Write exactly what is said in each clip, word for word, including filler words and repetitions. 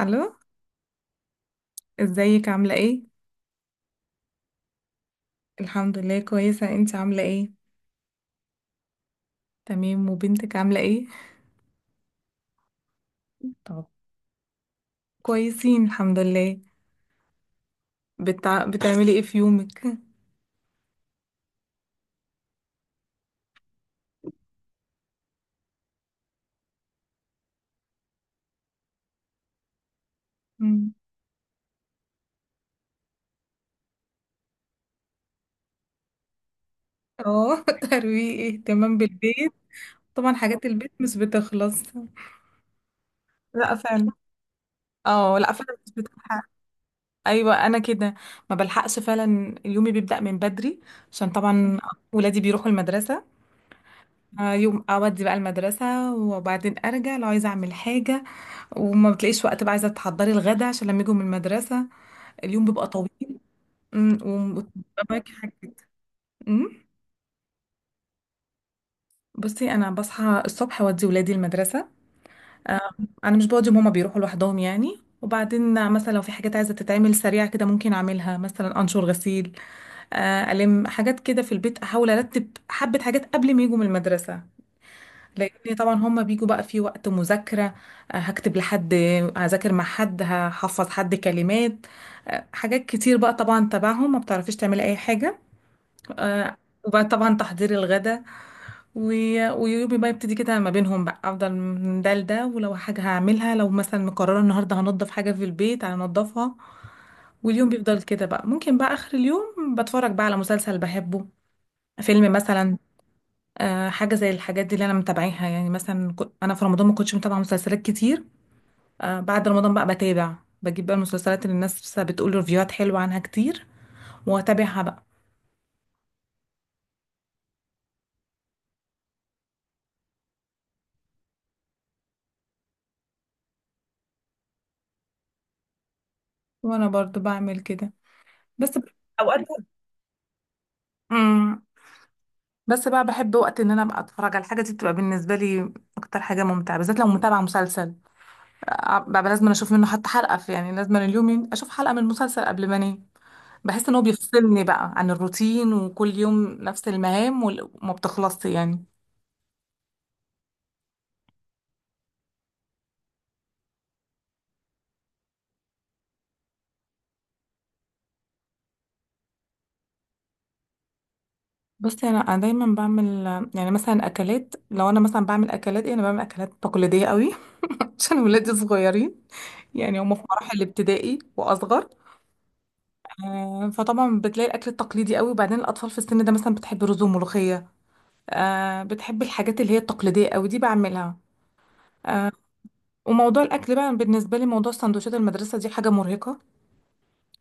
الو. ازيك؟ عامله ايه؟ الحمد لله، كويسه. انت عامله ايه؟ تمام. وبنتك عامله ايه؟ طب. كويسين، الحمد لله. بتع... بتعملي ايه في يومك؟ مم. اه. ترويق، اهتمام بالبيت. طبعا حاجات البيت مش بتخلص. لا فعلا. اه، لا فعلا مش بتلحق. ايوه، انا كده. ما بلحقش فعلا. يومي بيبدأ من بدري عشان طبعا ولادي بيروحوا المدرسه. آه، يوم اودي بقى المدرسه وبعدين ارجع لو عايزه اعمل حاجه، وما بتلاقيش وقت، بقى عايزه تحضري الغدا عشان لما يجوا من المدرسه. اليوم بيبقى طويل. أمم، وبتبقى معاكي حاجات كتير. أمم. بصي، انا بصحى الصبح اودي ولادي المدرسه. آه، انا مش بودي، هما بيروحوا لوحدهم يعني، وبعدين مثلا لو في حاجات عايزه تتعمل سريعه كده ممكن اعملها، مثلا انشر غسيل. آه، الم حاجات كده في البيت، احاول ارتب حبه حاجات قبل ما يجوا من المدرسه. لان طبعا هما بيجوا بقى في وقت مذاكرة. آه، هكتب لحد، هذاكر مع حد، هحفظ حد كلمات. آه، حاجات كتير بقى طبعا تبعهم، ما بتعرفيش تعملي اي حاجة. آه، وبقى طبعا تحضير الغدا. و- ويومي بقى يبتدي كده ما بينهم، بقى افضل من ده لده، ولو حاجة هعملها لو مثلا مقررة النهاردة هنضف حاجة في البيت هنضفها. واليوم بيفضل كده بقى، ممكن بقى اخر اليوم بتفرج بقى على مسلسل بحبه، فيلم مثلا. آه، حاجة زي الحاجات دي اللي أنا متابعيها. يعني مثلا كو- أنا في رمضان ما كنتش متابعة مسلسلات كتير. آه، بعد رمضان بقى بتابع، بجيب بقى المسلسلات اللي الناس لسه بتقول ريفيوهات حلوة عنها كتير، وأتابعها بقى. وأنا برضو بعمل كده. بس ب- أوقات. امم بس بقى بحب وقت إن أنا أبقى أتفرج على الحاجة دي، بتبقى بالنسبة لي أكتر حاجة ممتعة، بالذات لو متابعة مسلسل. آه، بقى لازم أشوف منه حتى حلقة، في يعني لازم اليوم ين- أشوف حلقة من المسلسل قبل ما أنام. بحس إن هو بيفصلني بقى عن الروتين، وكل يوم نفس المهام وال- وما بتخلصش يعني. بصي، انا أنا دايما بعمل يعني مثلا اكلات. لو انا مثلا بعمل اكلات ايه، انا بعمل اكلات تقليديه قوي. عشان ولادي صغيرين، يعني هم في مراحل ابتدائي واصغر. آه، فطبعا بتلاقي الاكل التقليدي قوي. وبعدين الاطفال في السن ده مثلا بتحب رز وملوخيه. آه، بتحب الحاجات اللي هي التقليديه قوي دي، بعملها. آه، وموضوع الاكل بقى بالنسبه لي، موضوع سندوتشات المدرسه دي حاجه مرهقه.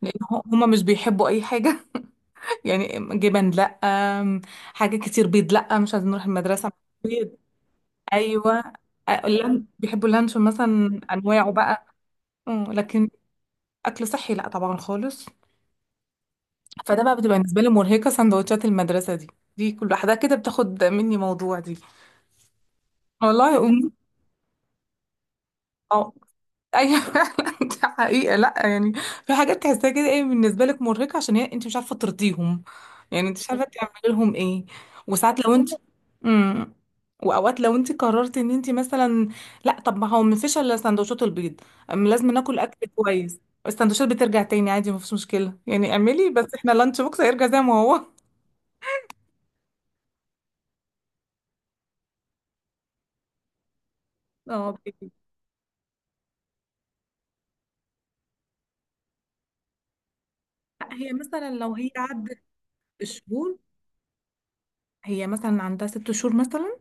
لان هو- هما مش بيحبوا اي حاجه. يعني جبن لا، آم، حاجه كتير، بيض لا، مش عايزين نروح المدرسه. ايوه. آه، اللان بيحبوا اللانشون مثلا، انواعه بقى. أمم، لكن اكل صحي لا طبعا خالص. فده بقى بتبقى بالنسبه لي مرهقه، سندوتشات المدرسه دي، دي كل واحده كده بتاخد مني موضوع دي. والله. أم- اه. ايوه فعلا. ده حقيقة، لا يعني. في حاجات تحسها كده ايه بالنسبة لك مرهقة، عشان هي انت مش عارفة ترضيهم، يعني انت مش عارفة تعملي لهم ايه. وساعات لو انت. امم. واوقات لو انت قررت ان انت مثلا لا، طب ما هو ما فيش الا سندوتشات البيض. أم لازم ناكل اكل كويس. السندوتشات بترجع تاني عادي، ما فيش مشكلة. يعني اعملي بس، احنا اللانش بوكس هيرجع زي ما هو. اه، بيبي. لا، هي مثلا لو هي عدت بشهور، هي مثلا عندها ست شهور مثلا.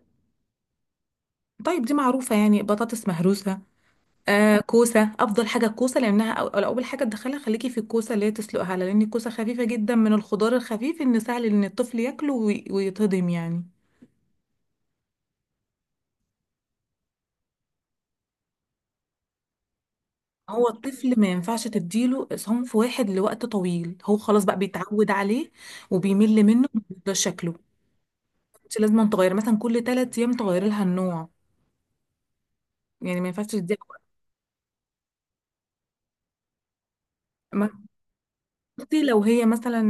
طيب دي معروفة، يعني بطاطس مهروسة. آه كوسة. أفضل حاجة الكوسة، لأنها أو أو أول حاجة تدخلها خليكي في الكوسة، اللي هي تسلقها، لأن الكوسة خفيفة جدا من الخضار الخفيف، إن سهل إن الطفل ياكله وي- ويتهضم يعني. هو الطفل ما ينفعش تديله صنف واحد لوقت طويل، هو خلاص بقى بيتعود عليه وبيمل منه وبيفضل شكله. انت لازم تغير مثلا كل ثلاث أيام، تغيري لها النوع، يعني ما ينفعش تديها. بصي، لو هي مثلا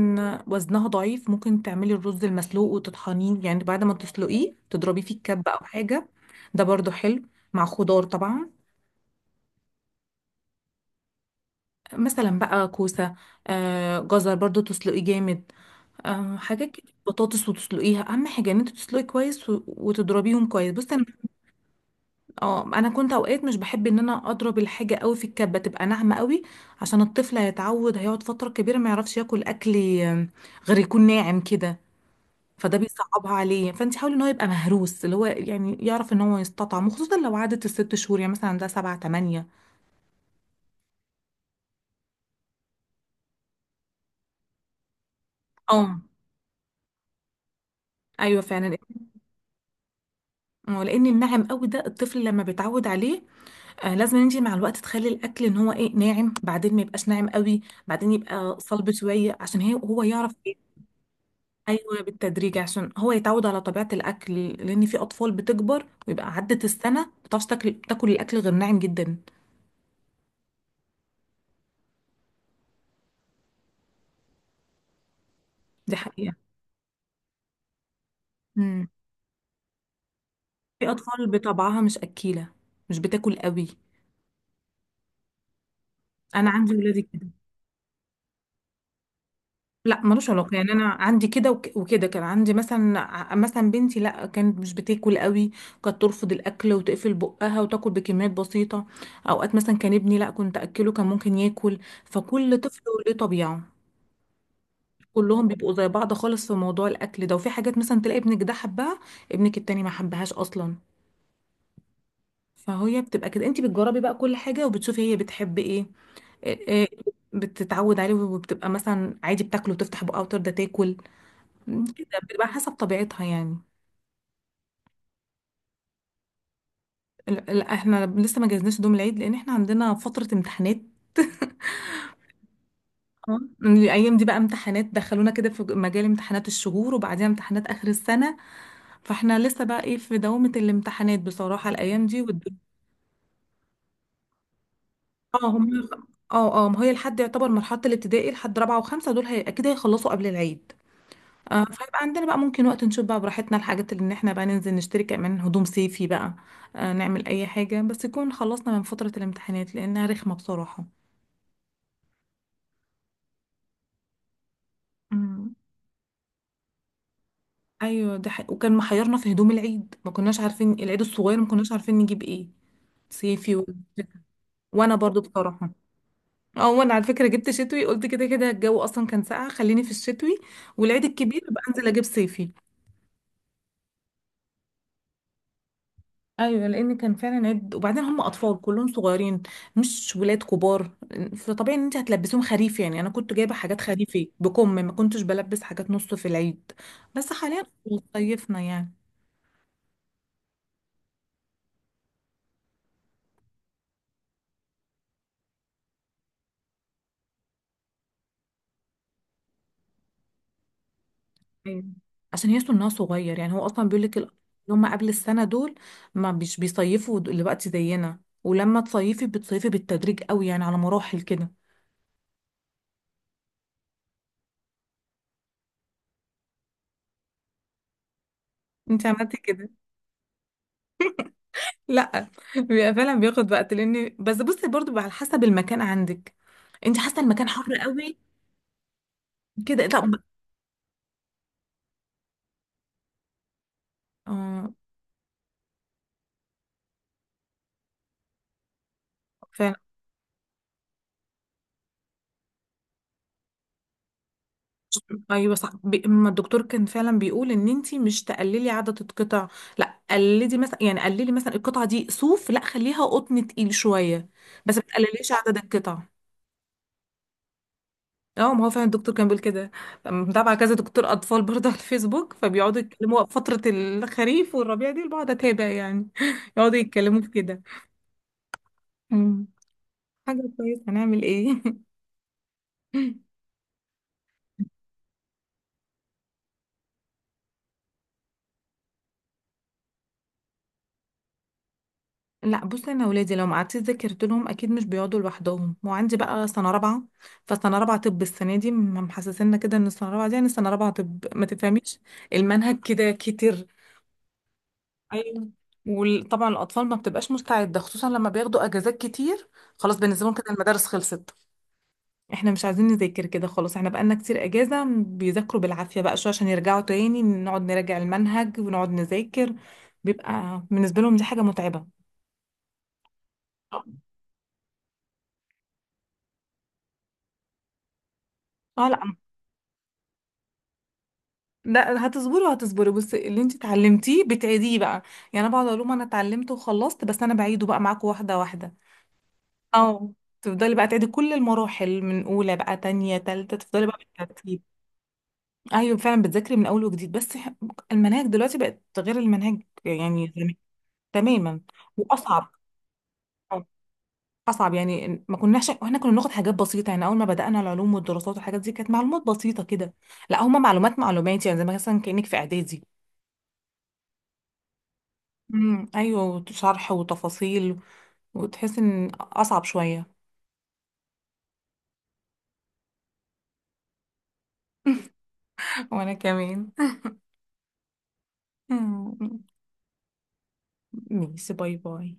وزنها ضعيف، ممكن تعملي الرز المسلوق وتطحنيه، يعني بعد ما تسلقيه تضربي فيه الكبة أو حاجة. ده برضو حلو، مع خضار طبعا. مثلا بقى كوسة، آه جزر برضو تسلقيه جامد، آه حاجات كده، بطاطس وتسلقيها. أهم حاجة إن أنت تسلقي كويس و- وتضربيهم كويس. بصي أنا، اه أنا كنت أوقات مش بحب إن أنا أضرب الحاجة قوي في الكبة تبقى ناعمة قوي، عشان الطفل هيتعود، هيقعد فترة كبيرة ما يعرفش ياكل أكل آه، غير يكون ناعم كده. فده بيصعبها عليه، فانت حاولي ان هو يبقى مهروس، اللي هو يعني يعرف ان هو يستطعم. وخصوصا لو عدت الست شهور، يعني مثلا ده سبعة تمانية. اه، ايوه فعلا. آه، لان الناعم قوي ده الطفل لما بيتعود عليه. آه لازم انت مع الوقت تخلي الاكل ان هو ايه، ناعم، بعدين ما يبقاش ناعم قوي، بعدين يبقى صلب شويه، عشان هي هو يعرف ايه. ايوه بالتدريج، عشان هو يتعود على طبيعه الاكل، لان في اطفال بتكبر ويبقى عدت السنه ما بتعرفش تاكل، تاكل الاكل غير ناعم جدا. دي حقيقه، في اطفال بطبعها مش اكيله، مش بتاكل قوي. انا عندي ولادي كده. لا ملوش علاقه، يعني انا عندي كده وك- وكده، كان عندي مثلا ع- مثلا بنتي لا، كانت مش بتاكل قوي، كانت ترفض الاكل وتقفل بقها وتاكل بكميات بسيطه. اوقات مثلا كان ابني لا، كنت اكله كان ممكن ياكل. فكل طفل وليه طبيعه. كلهم بيبقوا زي بعض خالص في موضوع الاكل ده. وفي حاجات مثلا تلاقي ابنك ده حبها، ابنك التاني ما حبهاش اصلا. فهي بتبقى كده، انت بتجربي بقى كل حاجه وبتشوفي هي بتحب ايه. إيه، إيه، بتتعود عليه وبتبقى مثلا عادي بتاكله وتفتح بقها وترضى تاكل. كده بتبقى حسب طبيعتها يعني. لا، لا، احنا لسه ما جهزناش دوم العيد لان احنا عندنا فترة امتحانات. آه. الايام دي بقى امتحانات، دخلونا كده في مجال امتحانات الشهور وبعديها امتحانات اخر السنة. فاحنا لسه بقى ايه، في دوامة الامتحانات بصراحة الايام دي. والد- اه، هم. اه، اه، ما هي لحد يعتبر مرحلة الابتدائي لحد رابعة وخمسة، دول هي اكيد هيخلصوا قبل العيد. آه، فيبقى عندنا بقى ممكن وقت، نشوف بقى براحتنا الحاجات، اللي ان احنا بقى ننزل نشتري، كمان هدوم صيفي بقى. آه، نعمل اي حاجة، بس يكون خلصنا من فترة الامتحانات لانها رخمة بصراحة. مم. ايوه ده حق. وكان محيرنا في هدوم العيد، ما كناش عارفين العيد الصغير ما كناش عارفين نجيب ايه، صيفي و. وانا برضو بصراحة، اه وانا على فكرة جبت شتوي، قلت كده كده الجو اصلا كان ساقع، خليني في الشتوي، والعيد الكبير بقى انزل اجيب صيفي. ايوه، لان كان فعلا عيب، وبعدين هم اطفال كلهم صغيرين، مش ولاد كبار. فطبيعي ان انت هتلبسيهم خريف. يعني انا كنت جايبه حاجات خريفي، بكم ما كنتش بلبس حاجات نص في العيد. بس حاليا صيفنا يعني. أيوة. عشان يحسوا انها صغير، يعني هو اصلا بيقول لك اللي هم قبل السنه دول ما مش بيصيفوا دلوقتي زينا. ولما تصيفي بتصيفي بالتدريج قوي، يعني على مراحل كده. انت عملتي كده؟ لا. بيبقى فعلا بياخد وقت، لان بس بصي برضو بقى على حسب المكان عندك، انت حاسه المكان حر قوي كده لا. اه فعلا. ايوه صح، بي... ما الدكتور كان فعلا بيقول ان انت مش تقللي عدد القطع. لا قللي مثلا، يعني قللي مثلا القطعه دي صوف لا خليها قطن تقيل شويه. بس ما تقلليش عدد القطع. اه ما هو فعلا الدكتور كان بيقول كده. متابعه كذا دكتور اطفال برضه على الفيسبوك، فبيقعدوا يتكلموا فتره الخريف والربيع دي، بقعد اتابع يعني. يقعدوا يتكلموا في كده. حاجة كويسة، هنعمل ايه. لا بصي، انا ولادي لو ما قعدتش ذاكرت لهم اكيد مش بيقعدوا لوحدهم. وعندي بقى سنه رابعه، فسنه رابعه طب. السنه دي م- محسسنا كده ان السنه رابعه دي، يعني سنه رابعه طب ما تفهميش، المنهج كده كتير. ايوه. وطبعا الاطفال ما بتبقاش مستعده، خصوصا لما بياخدوا اجازات كتير، خلاص بالنسبه لهم كده المدارس خلصت. احنا مش عايزين نذاكر، كده خلاص احنا بقالنا كتير اجازة، بيذاكروا بالعافية بقى شوية عشان يرجعوا تاني نقعد نراجع المنهج ونقعد نذاكر. بيبقى بالنسبة لهم دي حاجة متعبة. اه، لا، لا، هتصبروا هتصبروا، بس اللي انت اتعلمتيه بتعيديه بقى. يعني انا بقعد اقول لهم انا اتعلمت وخلصت، بس انا بعيده بقى معاكم واحدة واحدة. اه، تفضلي بقى تعيدي كل المراحل، من اولى بقى تانية تالتة، تفضلي بقى بالترتيب. ايوه فعلا بتذاكري من اول وجديد، بس ح- المناهج دلوقتي بقت غير المناهج يعني زمان. تماما. واصعب. اصعب يعني. ما كناش واحنا كنا بناخد حاجات بسيطه، يعني اول ما بدانا العلوم والدراسات والحاجات دي كانت معلومات بسيطه كده. لا، هما معلومات معلومات، يعني زي مثلا كانك في اعدادي. امم، ايوه، شرح وتفاصيل، وتحس ان اصعب شويه. وانا كمان. ميسي، باي باي.